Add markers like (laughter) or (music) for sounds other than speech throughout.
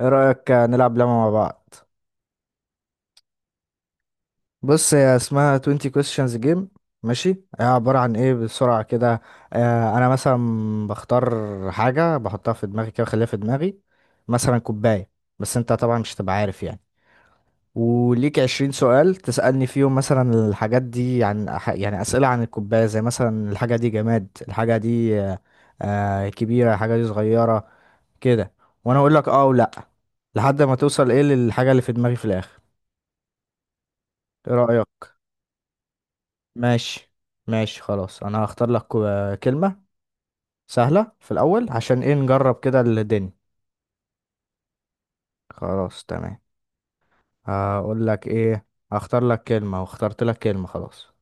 ايه رأيك نلعب لعبة مع بعض. بص هي اسمها 20 questions game. ماشي هي عبارة عن ايه بسرعة كده. انا مثلا بختار حاجة بحطها في دماغي كده بخليها في دماغي، مثلا كوباية. بس انت طبعا مش هتبقى عارف يعني. وليك 20 سؤال تسألني فيهم، مثلا الحاجات دي عن يعني أسئلة عن الكوباية، زي مثلا الحاجة دي جماد، الحاجة دي كبيرة، الحاجة دي صغيرة، كده. وانا اقول لك اه ولا، لحد ما توصل ايه للحاجة اللي في دماغي في الآخر. ايه رأيك؟ ماشي. ماشي خلاص، انا هختار لك كلمة سهلة في الاول عشان ايه نجرب كده الدنيا. خلاص تمام. هقول لك ايه، هختار لك كلمة. واخترت لك كلمة خلاص.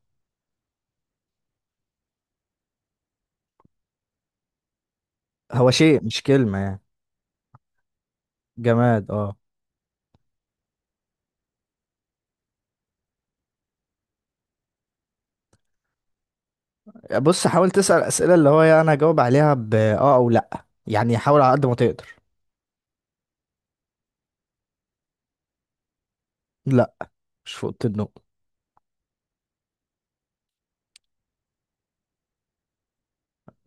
هو شيء مش كلمة يعني. جماد اه. بص حاول تسأل اسئلة اللي هو يعني انا اجاوب عليها ب اه او لا، يعني حاول على قد ما تقدر. لا، مش في اوضه النوم.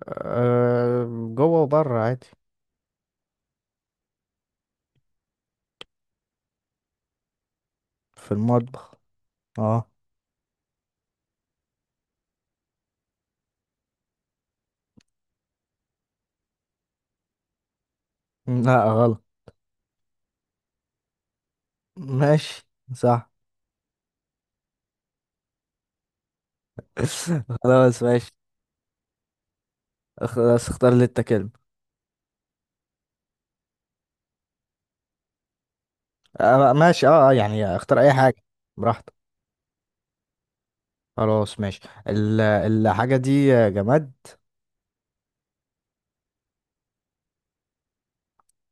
أه، جوه وبره عادي. في المطبخ اه. لا غلط. ماشي. صح. (laughs) خلاص ماشي. خلاص اختار اللي انت كلمة. آه ماشي اه، يعني اختار اي حاجة براحتك. خلاص ماشي. الحاجة دي جماد.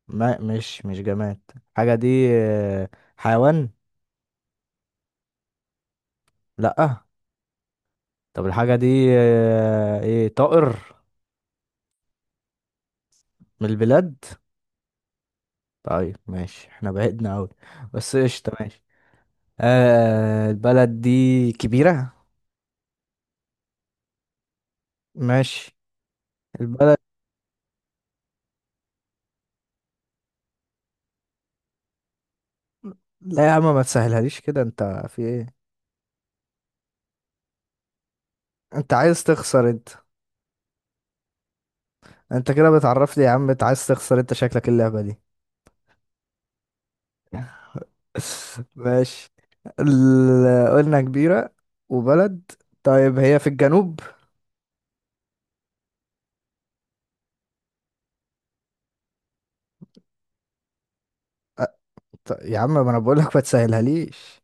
ما مش مش جماد. الحاجة دي، آه، حيوان. لأ. طب الحاجة دي، ايه طائر؟ من البلاد. طيب ماشي، احنا بعدنا اوي بس قشطة ماشي. البلد دي كبيرة. ماشي. البلد. لا يا عم ما تسهلهاليش كده انت. في ايه؟ انت عايز تخسر انت؟ انت كده بتعرفني يا عم، انت عايز تخسر انت شكلك اللعبة دي. (laughs) ماشي. قلنا كبيرة وبلد. طيب هي في الجنوب؟ أ- يا عم ما انا بقول لك ما تسهلها ليش.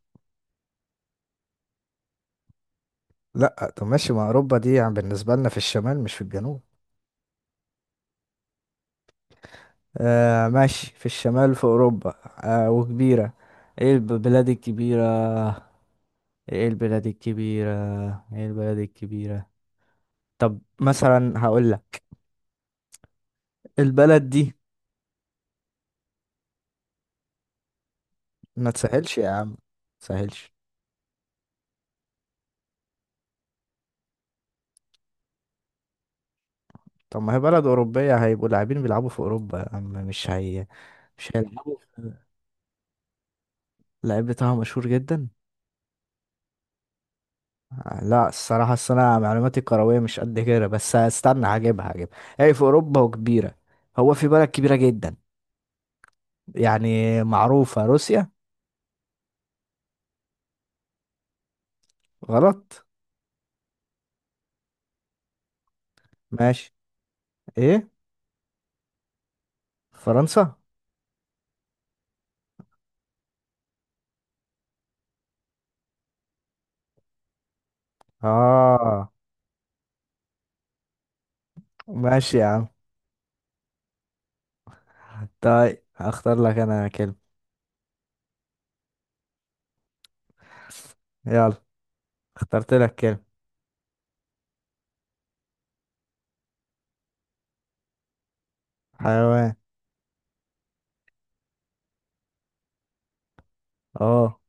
لا طب ماشي، ما اوروبا دي يعني بالنسبة لنا في الشمال مش في الجنوب. آه ماشي في الشمال في اوروبا. آه وكبيرة. ايه البلاد الكبيرة؟ ايه البلاد الكبيرة ايه البلاد الكبيرة؟ طب مثلا هقول لك البلد دي. ما تسهلش يا عم، ما تسهلش. طب ما هي بلد أوروبية، هيبقوا لاعبين بيلعبوا في أوروبا يا عم مش هي؟ مش هيلعبوا اللعيب بتاعهم مشهور جدا. لا الصراحة أصل أنا معلوماتي الكروية مش قد كده، بس استنى هجيبها. هي في أوروبا وكبيرة. هو في بلد كبيرة جدا يعني معروفة، روسيا. غلط. ماشي. إيه؟ فرنسا. آه ماشي يا عم. طيب هختار لك أنا كلمة. يلا، اخترت لك كلمة. حيوان اه.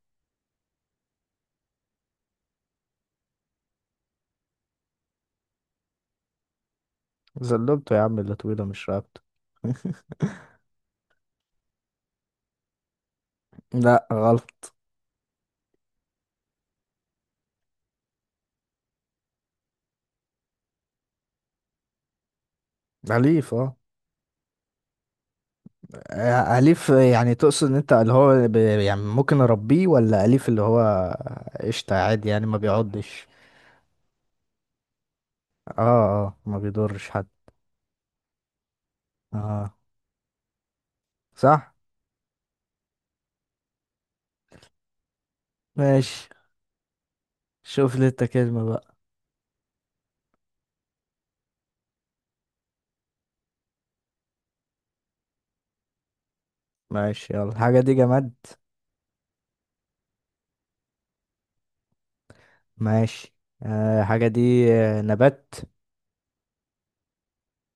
زلبته يا عم اللي طويلة مش رابطة. (laughs) لا غلط. أليف اه. أليف يعني تقصد ان انت اللي هو يعني ممكن اربيه؟ ولا أليف اللي هو قشطة عادي يعني ما بيعضش. اه. اه ما بيضرش حد. اه صح. ماشي. شوف لي انت كلمة بقى. ماشي يلا. الحاجة دي جماد. ماشي. آه الحاجة دي، نبات.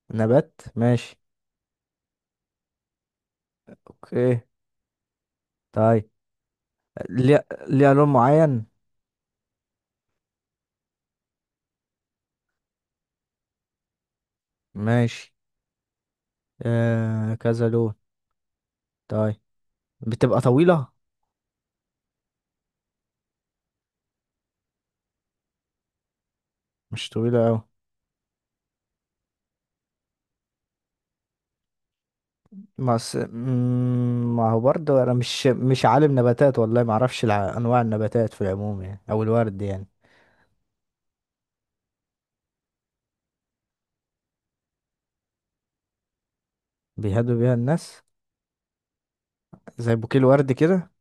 نبات ماشي. اوكي طيب. ليها لون معين؟ ماشي. آه كذا لون. طيب بتبقى طويلة؟ مش طويلة أوي. بس ما هو برضه انا مش عالم نباتات، والله ما اعرفش انواع النباتات في العموم يعني، او الورد يعني. بيهدوا بيها الناس زي بوكيه الورد كده.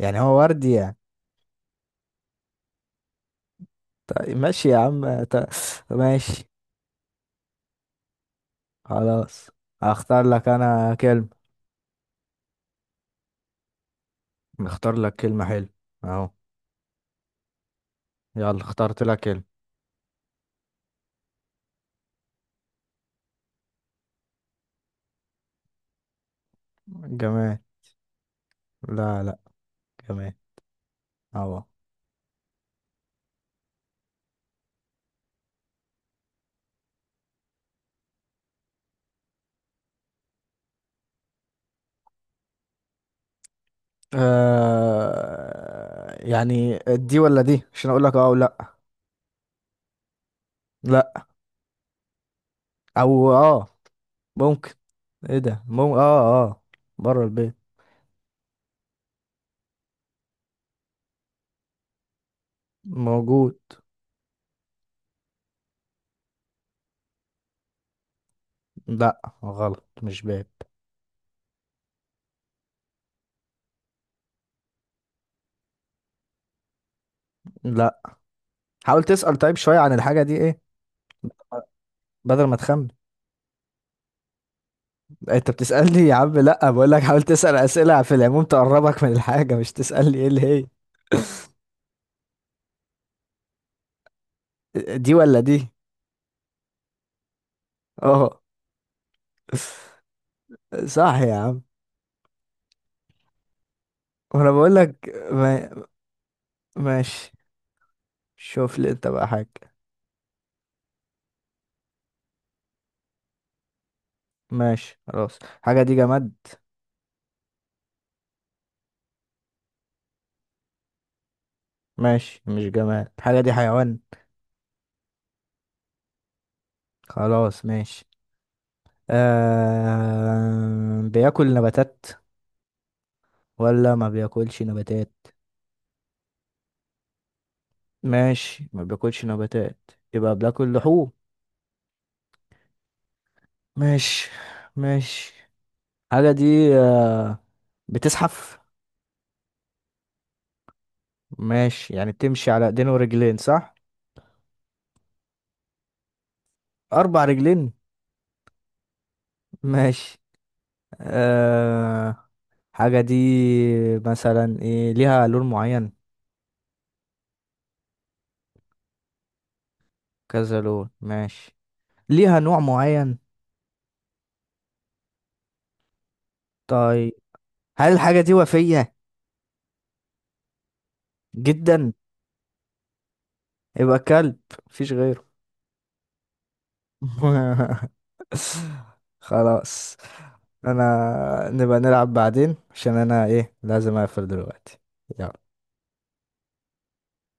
يعني هو ورد يعني. طيب ماشي يا عم ماشي خلاص. هختار لك انا كلمة. اختار لك كلمة حلوة اهو. يلا اخترت لك كلمة. جمال. لا لا جمال. اهو. آه يعني دي ولا دي عشان اقول لك اه ولا. لا. او اه ممكن. ايه ده اه. بره البيت. موجود. لا غلط مش باب. لا. حاول تسأل طيب شوية عن الحاجة دي ايه، بدل ما تخمن. انت بتسألني يا عم؟ لا بقول لك حاول تسأل أسئلة في العموم تقربك من الحاجة، مش تسألني ايه اللي هي. دي ولا دي. اه. (laughs) صح يا عم. وانا بقول لك ما... ماشي. شوف لي انت بقى حاجة. ماشي خلاص. حاجة دي جماد. ماشي مش جماد. الحاجة دي حيوان. خلاص ماشي. آه بياكل نباتات ولا ما بياكلش نباتات؟ ماشي ما بياكلش نباتات، يبقى بياكل لحوم. ماشي. ماشي. الحاجة دي بتزحف؟ ماشي، يعني بتمشي على ايدين ورجلين صح؟ اربع رجلين. ماشي. آه حاجة دي مثلا ايه، ليها لون معين؟ كذا لون ماشي. ليها نوع معين؟ طيب. هل الحاجة دي وفية؟ جدا؟ يبقى كلب، مفيش غيره. (laughs) خلاص. انا نبقى نلعب بعدين عشان انا ايه لازم اقفل دلوقتي. يلا.